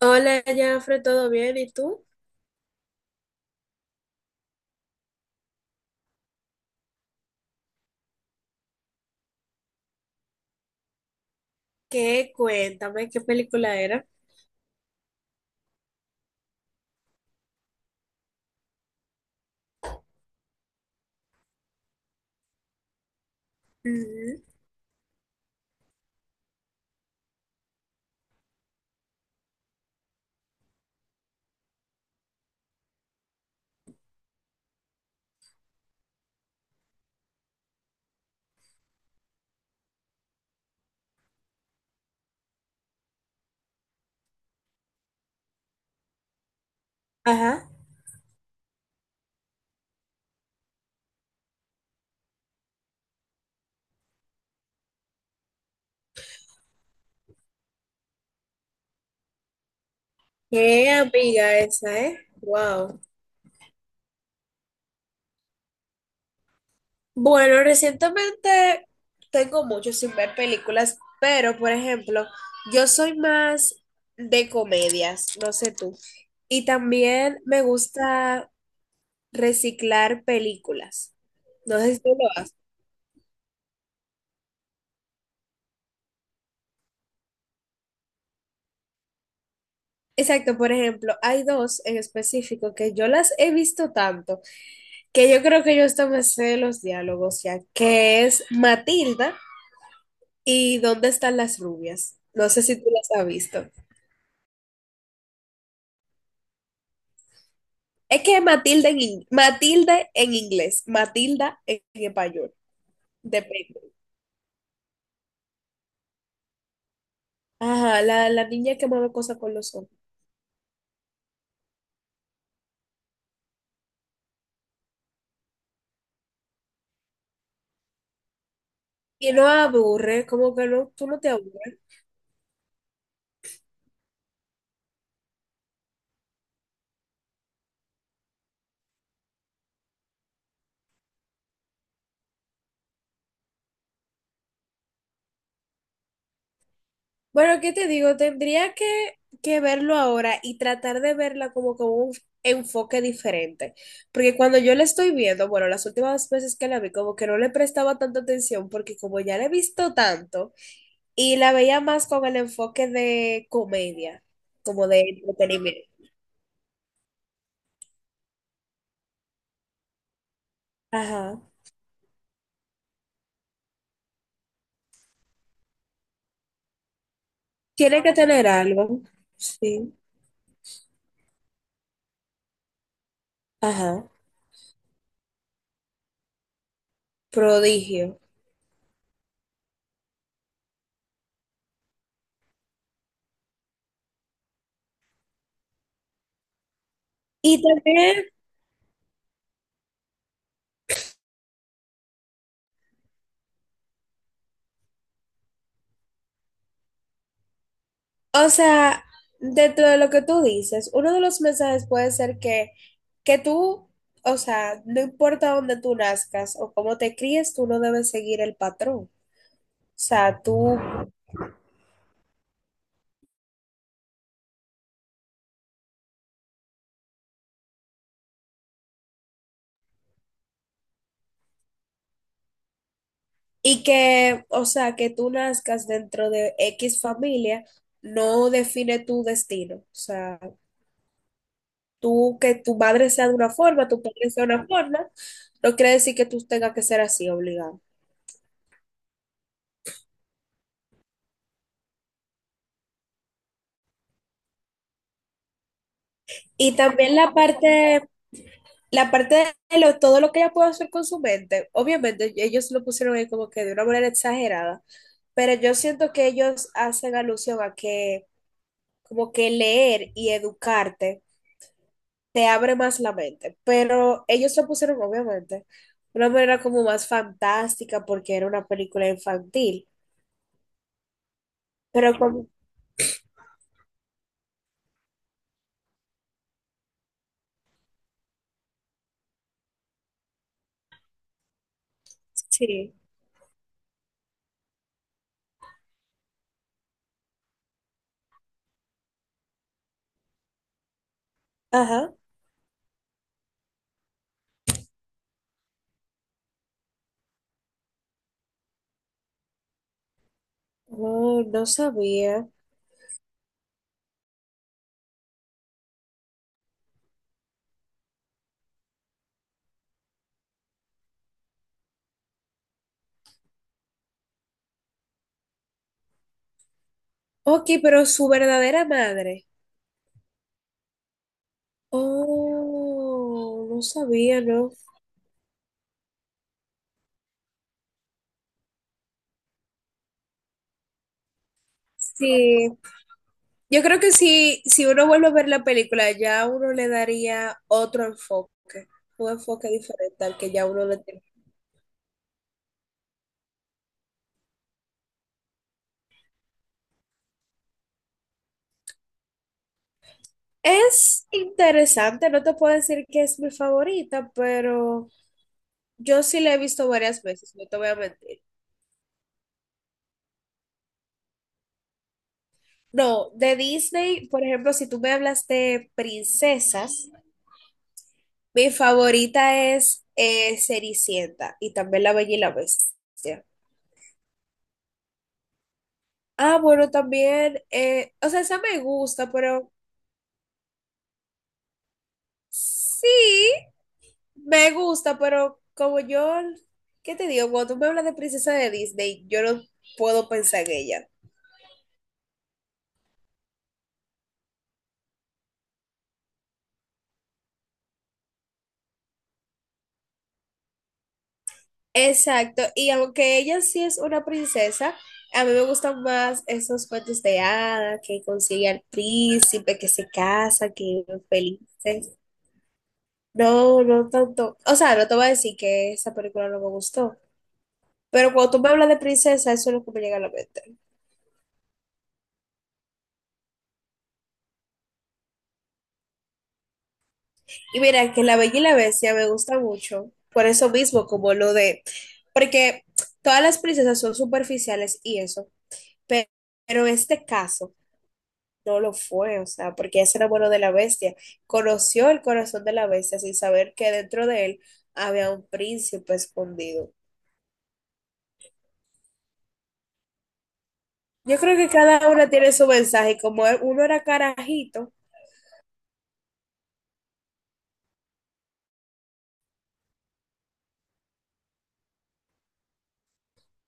Hola, Jafre, ¿todo bien? ¿Y tú? ¿Qué? Cuéntame, ¿qué película era? Ujú. Ajá. Qué amiga esa, ¿eh? Wow. Bueno, recientemente tengo mucho sin ver películas, pero por ejemplo, yo soy más de comedias, no sé tú. Y también me gusta reciclar películas. No sé si tú lo haces. Exacto, por ejemplo, hay dos en específico que yo las he visto tanto, que yo creo que yo hasta me sé los diálogos ya, que es Matilda y ¿Dónde están las rubias? No sé si tú las has visto. Es que Matilda en inglés, Matilda en español, depende. Ajá, la niña que mueve cosas con los ojos. Y no aburre, como que no, tú no te aburres. Bueno, ¿qué te digo? Que verlo ahora y tratar de verla como con un enfoque diferente. Porque cuando yo la estoy viendo, bueno, las últimas veces que la vi, como que no le prestaba tanta atención, porque como ya la he visto tanto, y la veía más con el enfoque de comedia, como de entretenimiento. Ajá. Tiene que tener algo. Sí. Ajá. Prodigio. Y también O sea, dentro de lo que tú dices, uno de los mensajes puede ser que tú, o sea, no importa dónde tú nazcas o cómo te críes, tú no debes seguir el patrón. O sea, tú, y que, o sea, que tú nazcas dentro de X familia no define tu destino. O sea, tú, que tu madre sea de una forma, tu padre sea de una forma, no quiere decir que tú tengas que ser así obligado. Y también la parte. La parte de lo... todo lo que ella puede hacer con su mente, obviamente ellos lo pusieron ahí como que de una manera exagerada, pero yo siento que ellos hacen alusión a que como que leer y educarte te abre más la mente, pero ellos lo pusieron obviamente de una manera como más fantástica porque era una película infantil, pero como, sí, ajá, oh, no sabía. Ok, pero su verdadera madre. Oh, no sabía, ¿no? Sí, yo creo que si uno vuelve a ver la película, ya uno le daría otro enfoque, un enfoque diferente al que ya uno le tiene. Es interesante, no te puedo decir que es mi favorita, pero yo sí la he visto varias veces, no te voy a mentir. No, de Disney, por ejemplo, si tú me hablas de princesas, mi favorita es Cenicienta y también La Bella y la Bestia. Ah, bueno, también, o sea, esa me gusta, pero sí. Me gusta, pero como yo, ¿qué te digo? Cuando tú me hablas de princesa de Disney, yo no puedo pensar en ella. Exacto, y aunque ella sí es una princesa, a mí me gustan más esos cuentos de hadas que consigue al príncipe, que se casa, que viven felices. No, no tanto. O sea, no te voy a decir que esa película no me gustó, pero cuando tú me hablas de princesa, eso es lo que me llega a la mente. Y mira, que La Bella y la Bestia me gusta mucho, por eso mismo, como lo de, porque todas las princesas son superficiales y eso, pe- pero, este caso no lo fue, o sea, porque ese era bueno de la bestia, conoció el corazón de la bestia sin saber que dentro de él había un príncipe escondido. Yo creo que cada una tiene su mensaje, como uno era carajito.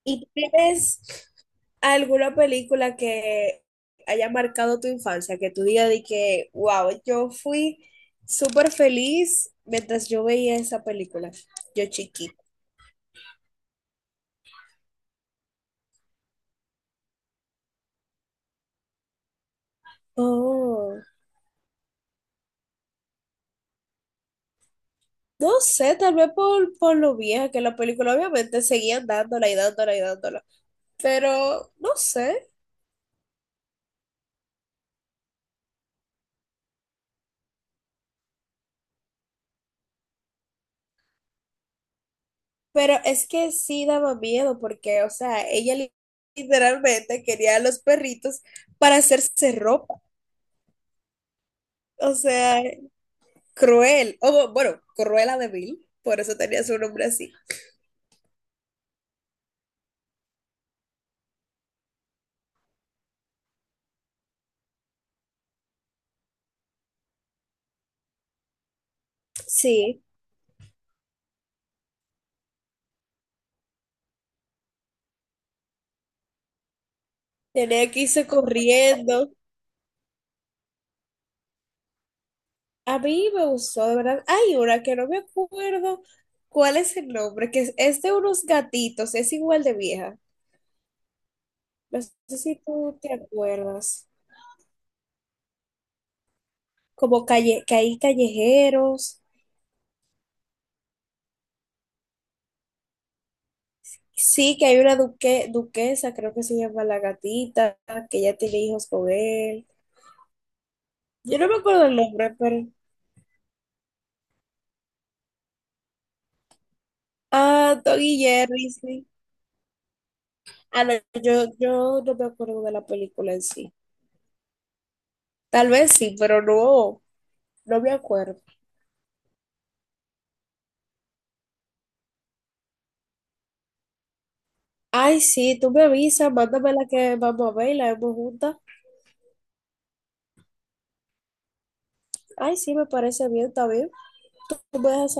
¿Y tienes alguna película que haya marcado tu infancia, que tú digas de que, wow, yo fui súper feliz mientras yo veía esa película, yo chiquita? Oh, no sé, tal vez por lo vieja que la película, obviamente seguían dándola y dándola y dándola, pero no sé, pero es que sí daba miedo porque, o sea, literalmente quería a los perritos para hacerse ropa, o sea... Cruel, o bueno, Cruella de Vil, por eso tenía su nombre así. Sí, tenía que irse corriendo. A mí me gustó, de verdad. Hay una que no me acuerdo cuál es el nombre, es de unos gatitos, es igual de vieja. No sé si tú te acuerdas. Como calle, que hay callejeros. Sí, que hay una duquesa, creo que se llama la gatita, que ya tiene hijos con él. Yo no me acuerdo el nombre, pero Ah, Tom y Jerry, sí. Ah, no, yo no me acuerdo de la película en sí. Tal vez sí, pero no, no me acuerdo. Ay, sí, tú me avisas, mándame la que vamos a ver y la vemos juntas. Ay, sí, me parece bien, está bien. Tú me dejas